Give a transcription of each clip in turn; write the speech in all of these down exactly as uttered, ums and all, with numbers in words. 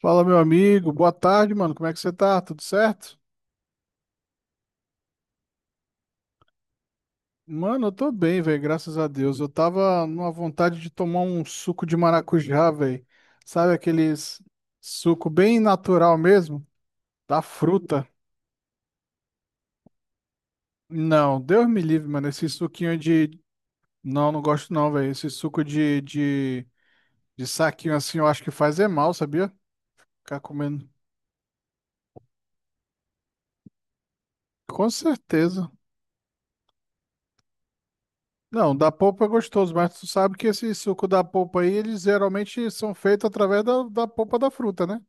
Fala, meu amigo. Boa tarde, mano. Como é que você tá? Tudo certo? Mano, eu tô bem, velho. Graças a Deus. Eu tava numa vontade de tomar um suco de maracujá, velho. Sabe aqueles suco bem natural mesmo? Da fruta. Não, Deus me livre, mano. Esse suquinho de. Não, não gosto não, velho. Esse suco de, de, de saquinho assim, eu acho que faz é mal, sabia? Ficar comendo. Com certeza. Não, da polpa é gostoso, mas tu sabe que esse suco da polpa aí, eles geralmente são feitos através da, da polpa da fruta, né?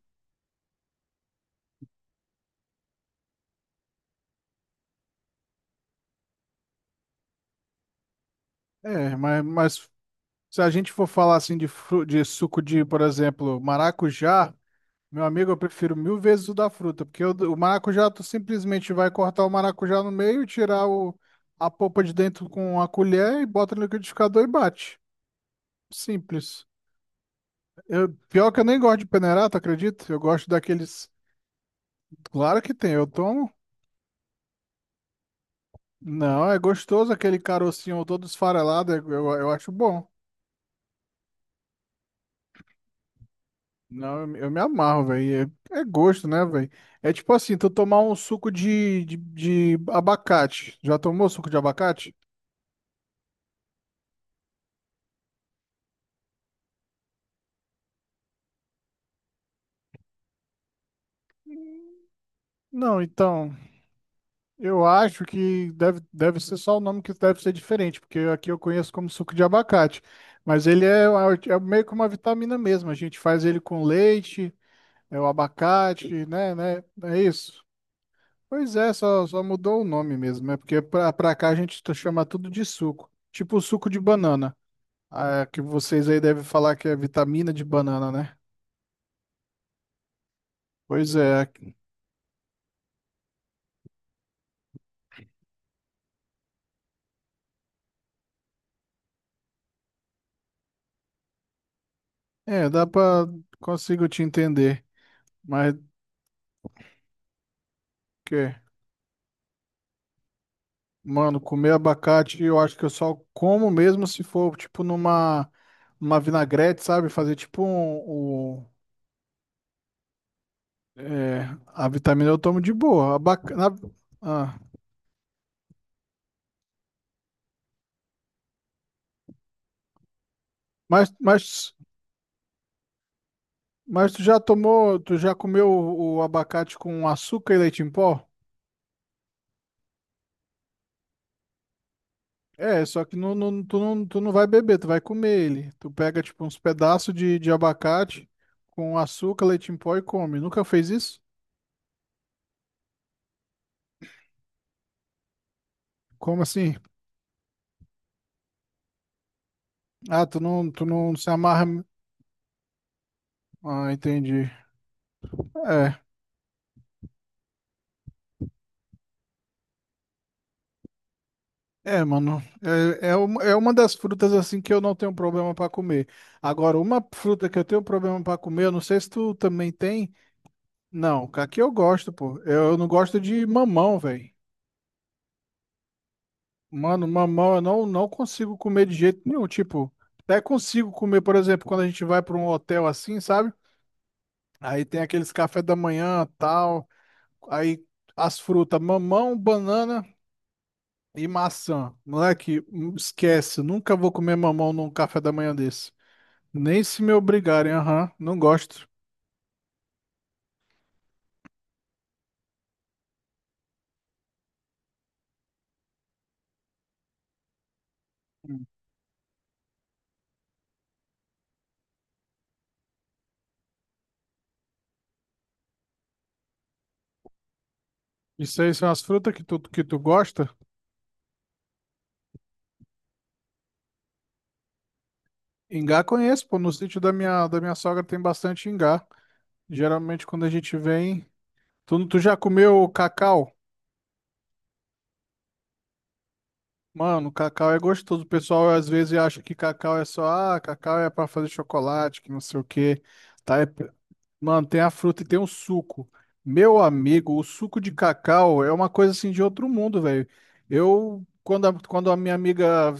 É, mas, mas se a gente for falar assim de, fru- de suco de, por exemplo, maracujá, meu amigo, eu prefiro mil vezes o da fruta, porque o, do- o maracujá, tu simplesmente vai cortar o maracujá no meio, tirar o, a polpa de dentro com a colher e bota no liquidificador e bate. Simples. Eu, pior que eu nem gosto de peneira, tu acredita? Eu gosto daqueles. Claro que tem, eu tomo. Não, é gostoso aquele carocinho todo esfarelado, eu, eu eu acho bom. Não, eu, me eu me amarro, velho. É, é gosto, né, velho? É tipo assim, tu tomar um suco de, de, de abacate. Já tomou suco de abacate? Não, então, eu acho que deve, deve ser só o nome que deve ser diferente, porque aqui eu conheço como suco de abacate. Mas ele é, uma- é meio que uma vitamina mesmo. A gente faz ele com leite, é o abacate, né, né? É isso. Pois é, só, só mudou o nome mesmo. É porque pra, pra cá a gente tá- chama tudo de suco. Tipo o suco de banana. Ah, que vocês aí devem falar que é vitamina de banana, né? Pois é. aqui- É, dá pra. Consigo te entender. Mas que. Mano, comer abacate eu acho que eu só como mesmo se for, tipo, numa. Uma vinagrete, sabe? Fazer tipo um. um- é, a vitamina eu tomo de boa. Abaca... na- Ah. Mas, mas Mas tu já tomou, tu já comeu o, o abacate com açúcar e leite em pó? É, só que não, não- tu, não, tu não vai beber, tu vai comer ele. Tu pega, tipo, uns pedaços de, de abacate com açúcar, leite em pó e come. Nunca fez isso? Como assim? Ah, tu não, tu não se amarra. Ah, entendi. É. É, mano, é, é, uma, é uma das frutas assim que eu não tenho problema pra comer. Agora, uma fruta que eu tenho problema pra comer, eu não sei se tu também tem. Não, aqui eu gosto, pô. Eu, eu não gosto de mamão, velho. Mano, mamão eu não, não consigo comer de jeito nenhum. Tipo, até consigo comer, por exemplo, quando a gente vai para um hotel assim, sabe? Aí tem aqueles café da manhã, tal. Aí as frutas, mamão, banana e maçã. Moleque, hum, esquece. Nunca vou comer mamão num café da manhã desse. Nem se me obrigarem, aham. Não gosto. Isso aí são as frutas que tu, que tu gosta? Ingá conheço, pô. No sítio da minha, da minha sogra tem bastante ingá. Geralmente quando a gente vem. Tu, tu já comeu cacau? Mano, cacau é gostoso. O pessoal às vezes acha que cacau é só, ah, cacau é pra fazer chocolate, que não sei o quê. Tá, é- Mano, tem a fruta e tem o suco. Meu amigo, o suco de cacau é uma coisa assim de outro mundo, velho. Eu, quando a, quando a minha amiga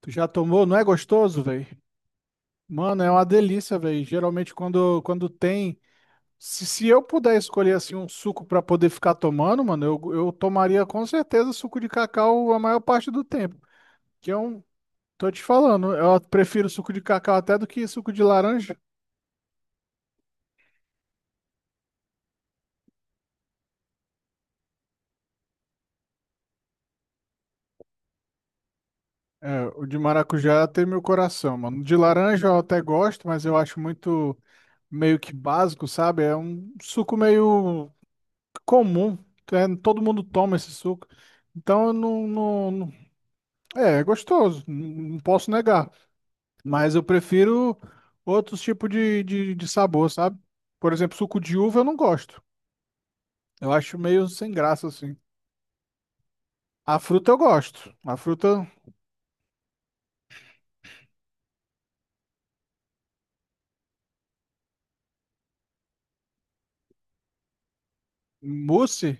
tu já tomou, não é gostoso, velho? Mano, é uma delícia, velho. Geralmente quando, quando tem. Se, se eu puder escolher assim um suco pra poder ficar tomando, mano, eu, eu tomaria com certeza suco de cacau a maior parte do tempo. Que é um, tô te falando, eu prefiro suco de cacau até do que suco de laranja. É, o de maracujá tem meu coração, mano. De laranja eu até gosto, mas eu acho muito meio que básico, sabe? É um suco meio comum, é, todo mundo toma esse suco. Então eu não, não, não- é, é gostoso, não não posso negar. Mas eu prefiro outros tipos de, de, de sabor, sabe? Por exemplo, suco de uva eu não gosto. Eu acho meio sem graça, assim. A fruta eu gosto. A fruta mousse,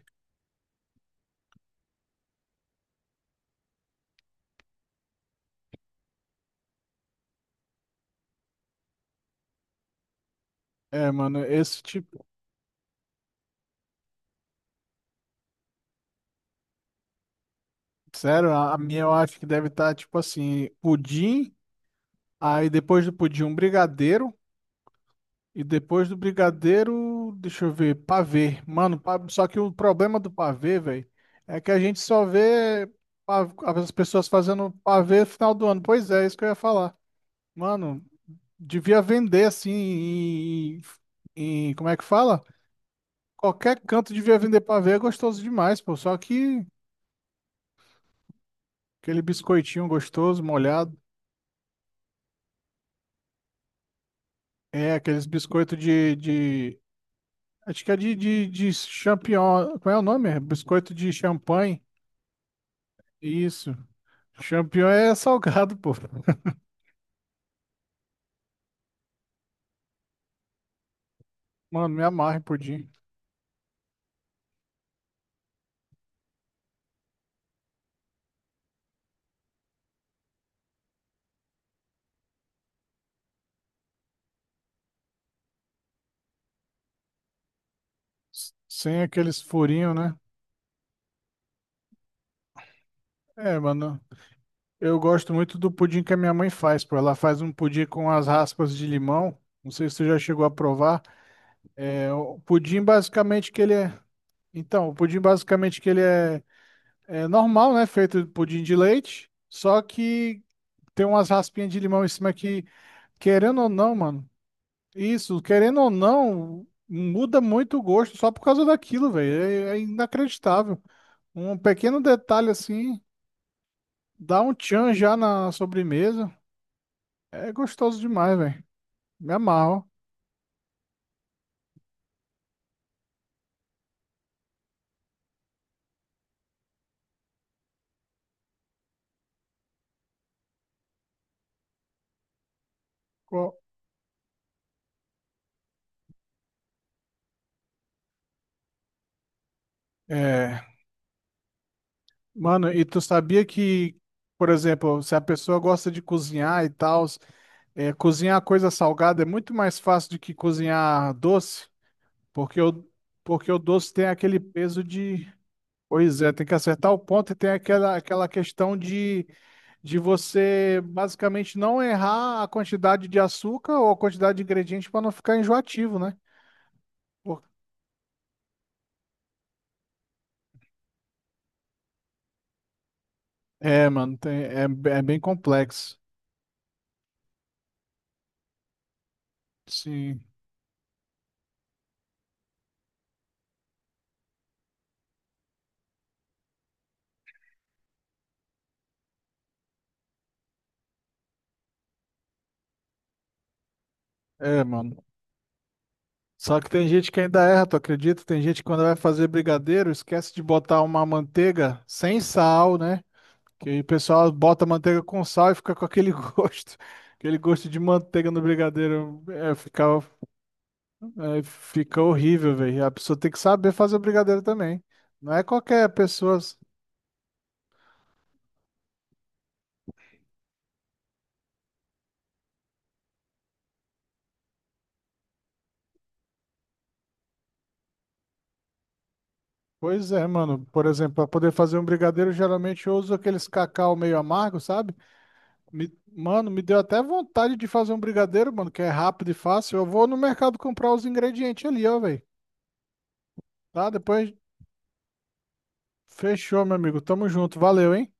é, mano, esse tipo. Sério, a a minha eu acho que deve estar tipo assim: pudim, aí depois do pudim, um brigadeiro, e depois do brigadeiro, deixa eu ver, pavê. Mano, pa- só que o problema do pavê, velho, é que a gente só vê pa- as pessoas fazendo pavê no final do ano. Pois é, isso que eu ia falar. Mano, devia vender assim em, em- Como é que fala? Qualquer canto devia vender pavê, é gostoso demais, pô. Só que aquele biscoitinho gostoso, molhado. É, aqueles biscoitos de, de. Acho que é de, de, de champignon. Como é o nome? É biscoito de champanhe. Isso. Champignon é salgado, pô. Mano, me amarre pudim. S- Sem aqueles furinhos, né? É, mano. Eu gosto muito do pudim que a minha mãe faz, pô. Ela faz um pudim com as raspas de limão. Não sei se você já chegou a provar. É, o pudim basicamente que ele é. Então, o pudim basicamente que ele é, é normal, né? Feito de pudim de leite, só que tem umas raspinhas de limão em cima que, querendo ou não, mano. Isso, querendo ou não, muda muito o gosto só por causa daquilo, velho. É, é inacreditável. Um pequeno detalhe assim dá um tchan já na sobremesa. É gostoso demais, velho. Me amarro. Co- É, mano, e tu sabia que, por exemplo, se a pessoa gosta de cozinhar e tal, é, cozinhar coisa salgada é muito mais fácil do que cozinhar doce, porque o, porque o doce tem aquele peso de. Pois é, tem que acertar o ponto e tem aquela, aquela questão de, de você basicamente não errar a quantidade de açúcar ou a quantidade de ingrediente para não ficar enjoativo, né? Por- É, mano, tem- é, é bem complexo. Sim, é, mano. Só que tem gente que ainda erra, tu acredita? Tem gente que quando vai fazer brigadeiro esquece de botar uma manteiga sem sal, né? Que aí o pessoal bota manteiga com sal e fica com aquele gosto, aquele gosto de manteiga no brigadeiro. É, fica, é, fica horrível, velho. A pessoa tem que saber fazer o brigadeiro também. Não é qualquer pessoa. Pois é, mano. Por exemplo, para poder fazer um brigadeiro, geralmente eu uso aqueles cacau meio amargo, sabe? Me- Mano, me deu até vontade de fazer um brigadeiro, mano, que é rápido e fácil. Eu vou no mercado comprar os ingredientes ali, ó, velho. Tá? Depois fechou, meu amigo. Tamo junto. Valeu, hein?